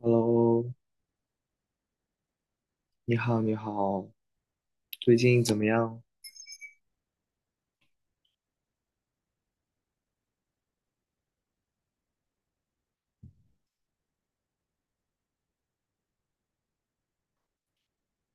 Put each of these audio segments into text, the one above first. Hello，你好，你好，最近怎么样？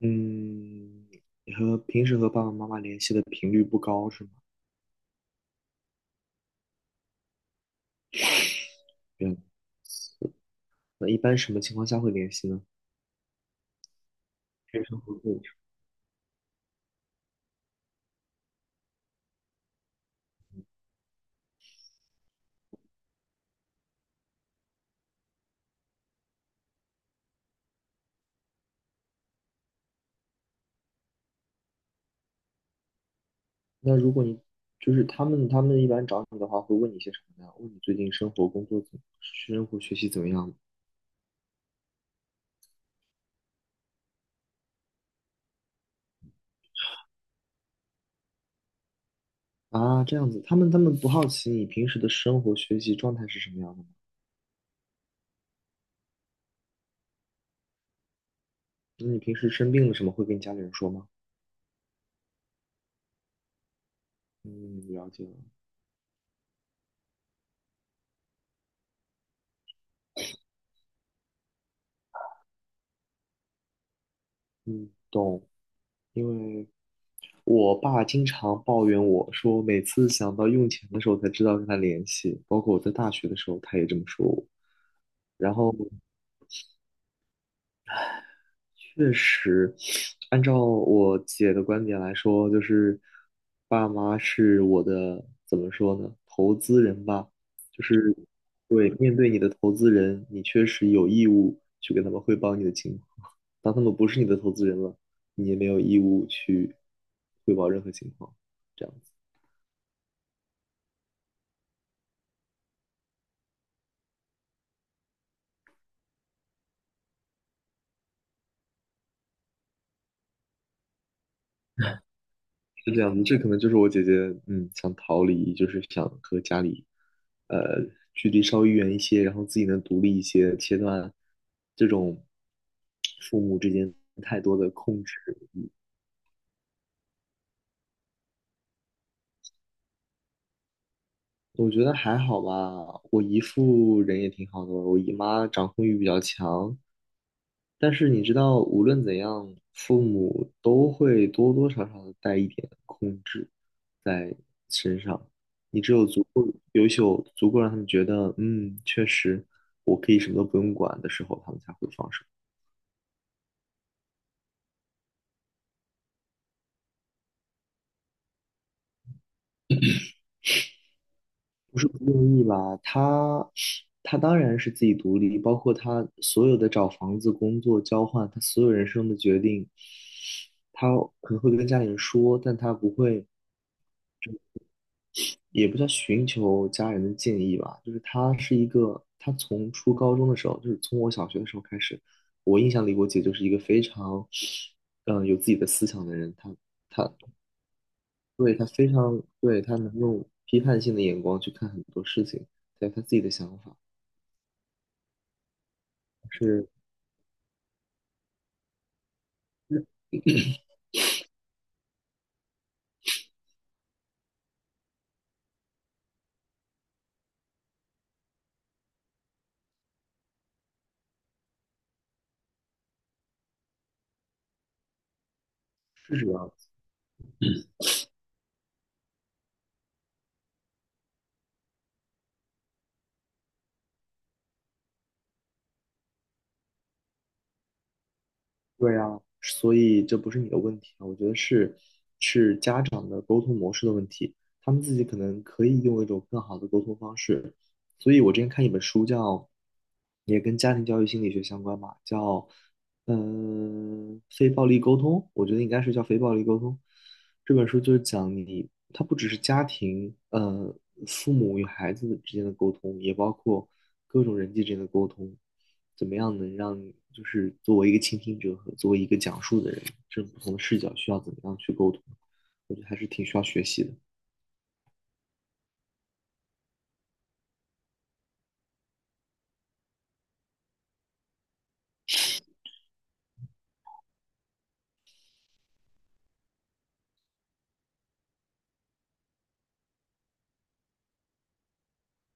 嗯，你和平时和爸爸妈妈联系的频率不高是吗？嗯，那一般什么情况下会联系呢？日常活动。那如果你就是他们一般找你的话，会问你些什么呢？问你最近生活、学习怎么样？啊？这样子，他们不好奇你平时的生活、学习状态是什么样的吗？那你平时生病了什么会跟家里人说吗？嗯，了解了。嗯，懂。因为我爸经常抱怨我说，每次想到用钱的时候才知道跟他联系，包括我在大学的时候，他也这么说我。然后确实，按照我姐的观点来说，就是爸妈是我的，怎么说呢，投资人吧。就是对，面对你的投资人，你确实有义务去跟他们汇报你的情况。当他们不是你的投资人了，你也没有义务去汇报任何情况。这样。是这样的，这可能就是我姐姐，想逃离，就是想和家里，呃，距离稍微远一些，然后自己能独立一些，切断这种父母之间太多的控制。我觉得还好吧，我姨父人也挺好的，我姨妈掌控欲比较强，但是你知道，无论怎样，父母都会多多少少的带一点控制在身上。你只有足够优秀，足够让他们觉得，确实我可以什么都不用管的时候，他们才会放手。不是不愿意吧？他当然是自己独立，包括他所有的找房子、工作、交换，他所有人生的决定，他可能会跟家里人说，但他不会。也不叫寻求家人的建议吧，就是他是一个，他从初高中的时候，就是从我小学的时候开始，我印象里我姐就是一个非常，有自己的思想的人，他他对他非常对他能用批判性的眼光去看很多事情，还有她自己的想法是是这样子。对啊，所以这不是你的问题啊，我觉得是家长的沟通模式的问题，他们自己可能可以用一种更好的沟通方式。所以我之前看一本书叫，也跟家庭教育心理学相关嘛，叫非暴力沟通，我觉得应该是叫非暴力沟通。这本书就是讲你，它不只是家庭，父母与孩子之间的沟通，也包括各种人际之间的沟通。怎么样能让就是作为一个倾听者和作为一个讲述的人，这种不同的视角需要怎么样去沟通，我觉得还是挺需要学习的。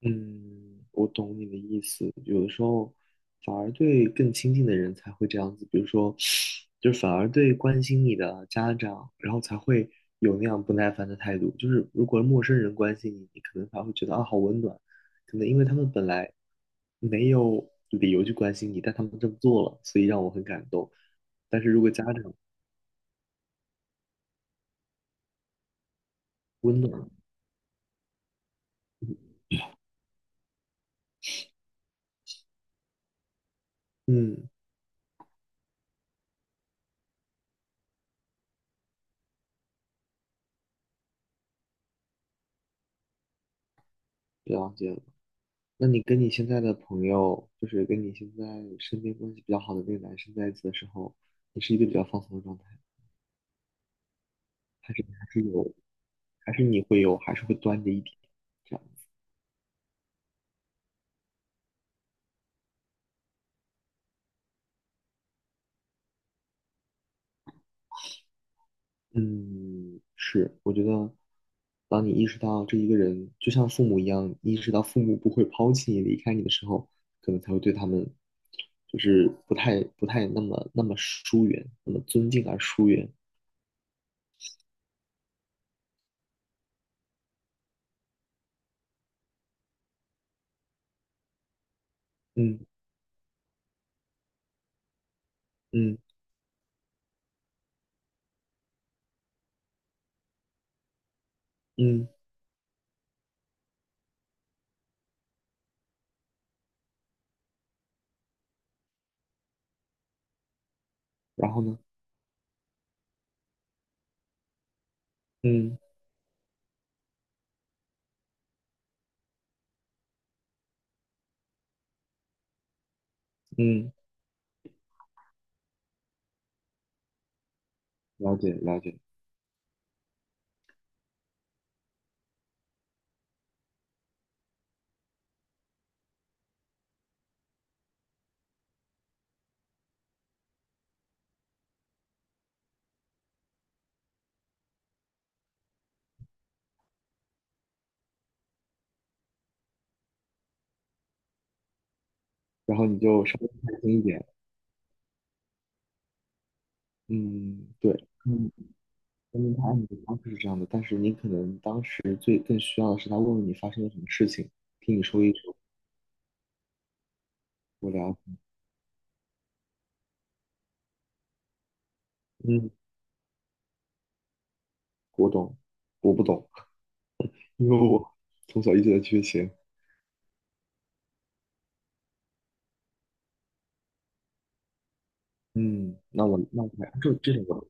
嗯，我懂你的意思。有的时候，反而对更亲近的人才会这样子，比如说，就是反而对关心你的家长，然后才会有那样不耐烦的态度。就是如果陌生人关心你，你可能反而会觉得啊，好温暖。可能因为他们本来没有理由去关心你，但他们这么做了，所以让我很感动。但是如果家长温暖，嗯，了解了。那你跟你现在的朋友，就是跟你现在身边关系比较好的那个男生在一起的时候，你是一个比较放松的状态，还是还是有，还是你会有，还是会端着一点这样？嗯，是，我觉得，当你意识到这一个人就像父母一样，意识到父母不会抛弃你、离开你的时候，可能才会对他们，就是不太那么疏远，那么尊敬而疏远。嗯嗯嗯，然后呢？嗯嗯。了解了解，然后你就稍微开心一点，嗯，对，嗯，说明他爱你的方式是这样的，但是你可能当时最更需要的是他问问你发生了什么事情，听你说一说，我了解，嗯，我懂，我不懂，因为我从小一直在缺钱，嗯，那我还这种我，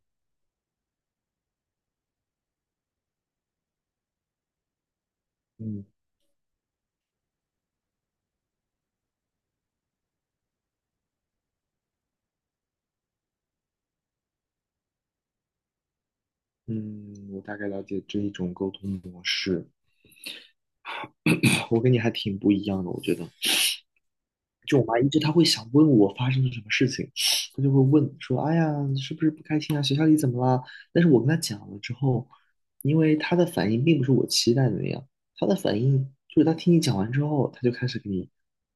嗯嗯，我大概了解这一种沟通模式，我跟你还挺不一样的，我觉得，就我妈一直她会想问我发生了什么事情，她就会问说：“哎呀，你是不是不开心啊？学校里怎么了？”但是我跟她讲了之后，因为她的反应并不是我期待的那样，她的反应就是她听你讲完之后，她就开始给你，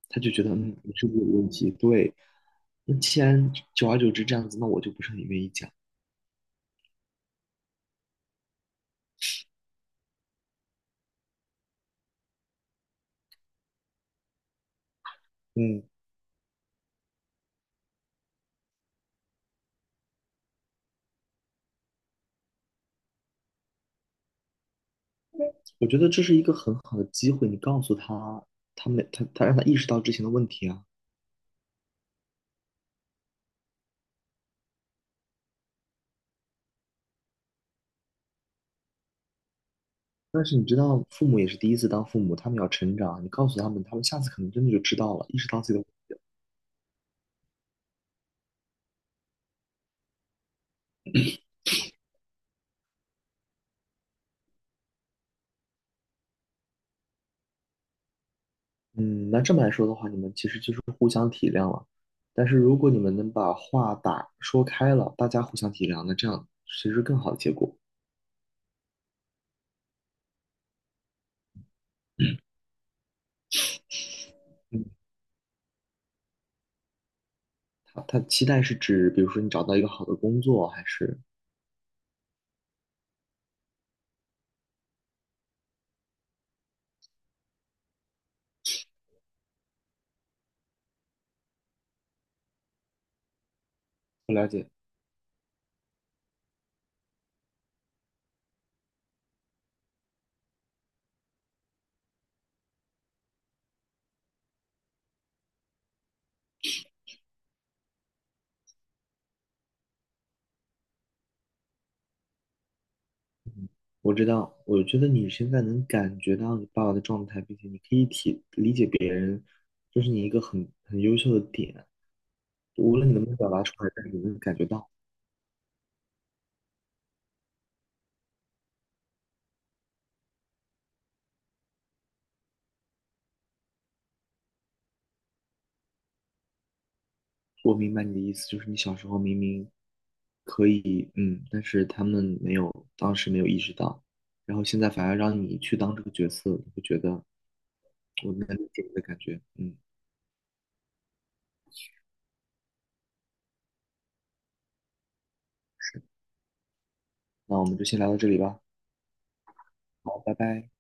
她就觉得你是不是有问题？对，那既然久而久之这样子，那我就不是很愿意讲。嗯，我觉得这是一个很好的机会，你告诉她，她没她她让她意识到之前的问题啊。但是你知道，父母也是第一次当父母，他们要成长。你告诉他们，他们下次可能真的就知道了，意识到自己的。嗯，那这么来说的话，你们其实就是互相体谅了。但是如果你们能把话说开了，大家互相体谅，那这样其实更好的结果。嗯，他期待是指，比如说你找到一个好的工作，还是不了解，我知道，我觉得你现在能感觉到你爸爸的状态，并且你可以体理解别人，就是你一个很优秀的点。无论你能不能表达出来，但是你能感觉到。我明白你的意思，就是你小时候明明可以，但是他们没有，当时没有意识到，然后现在反而让你去当这个角色，你会觉得我能理解你的感觉，嗯，那我们就先聊到这里吧，好，拜拜。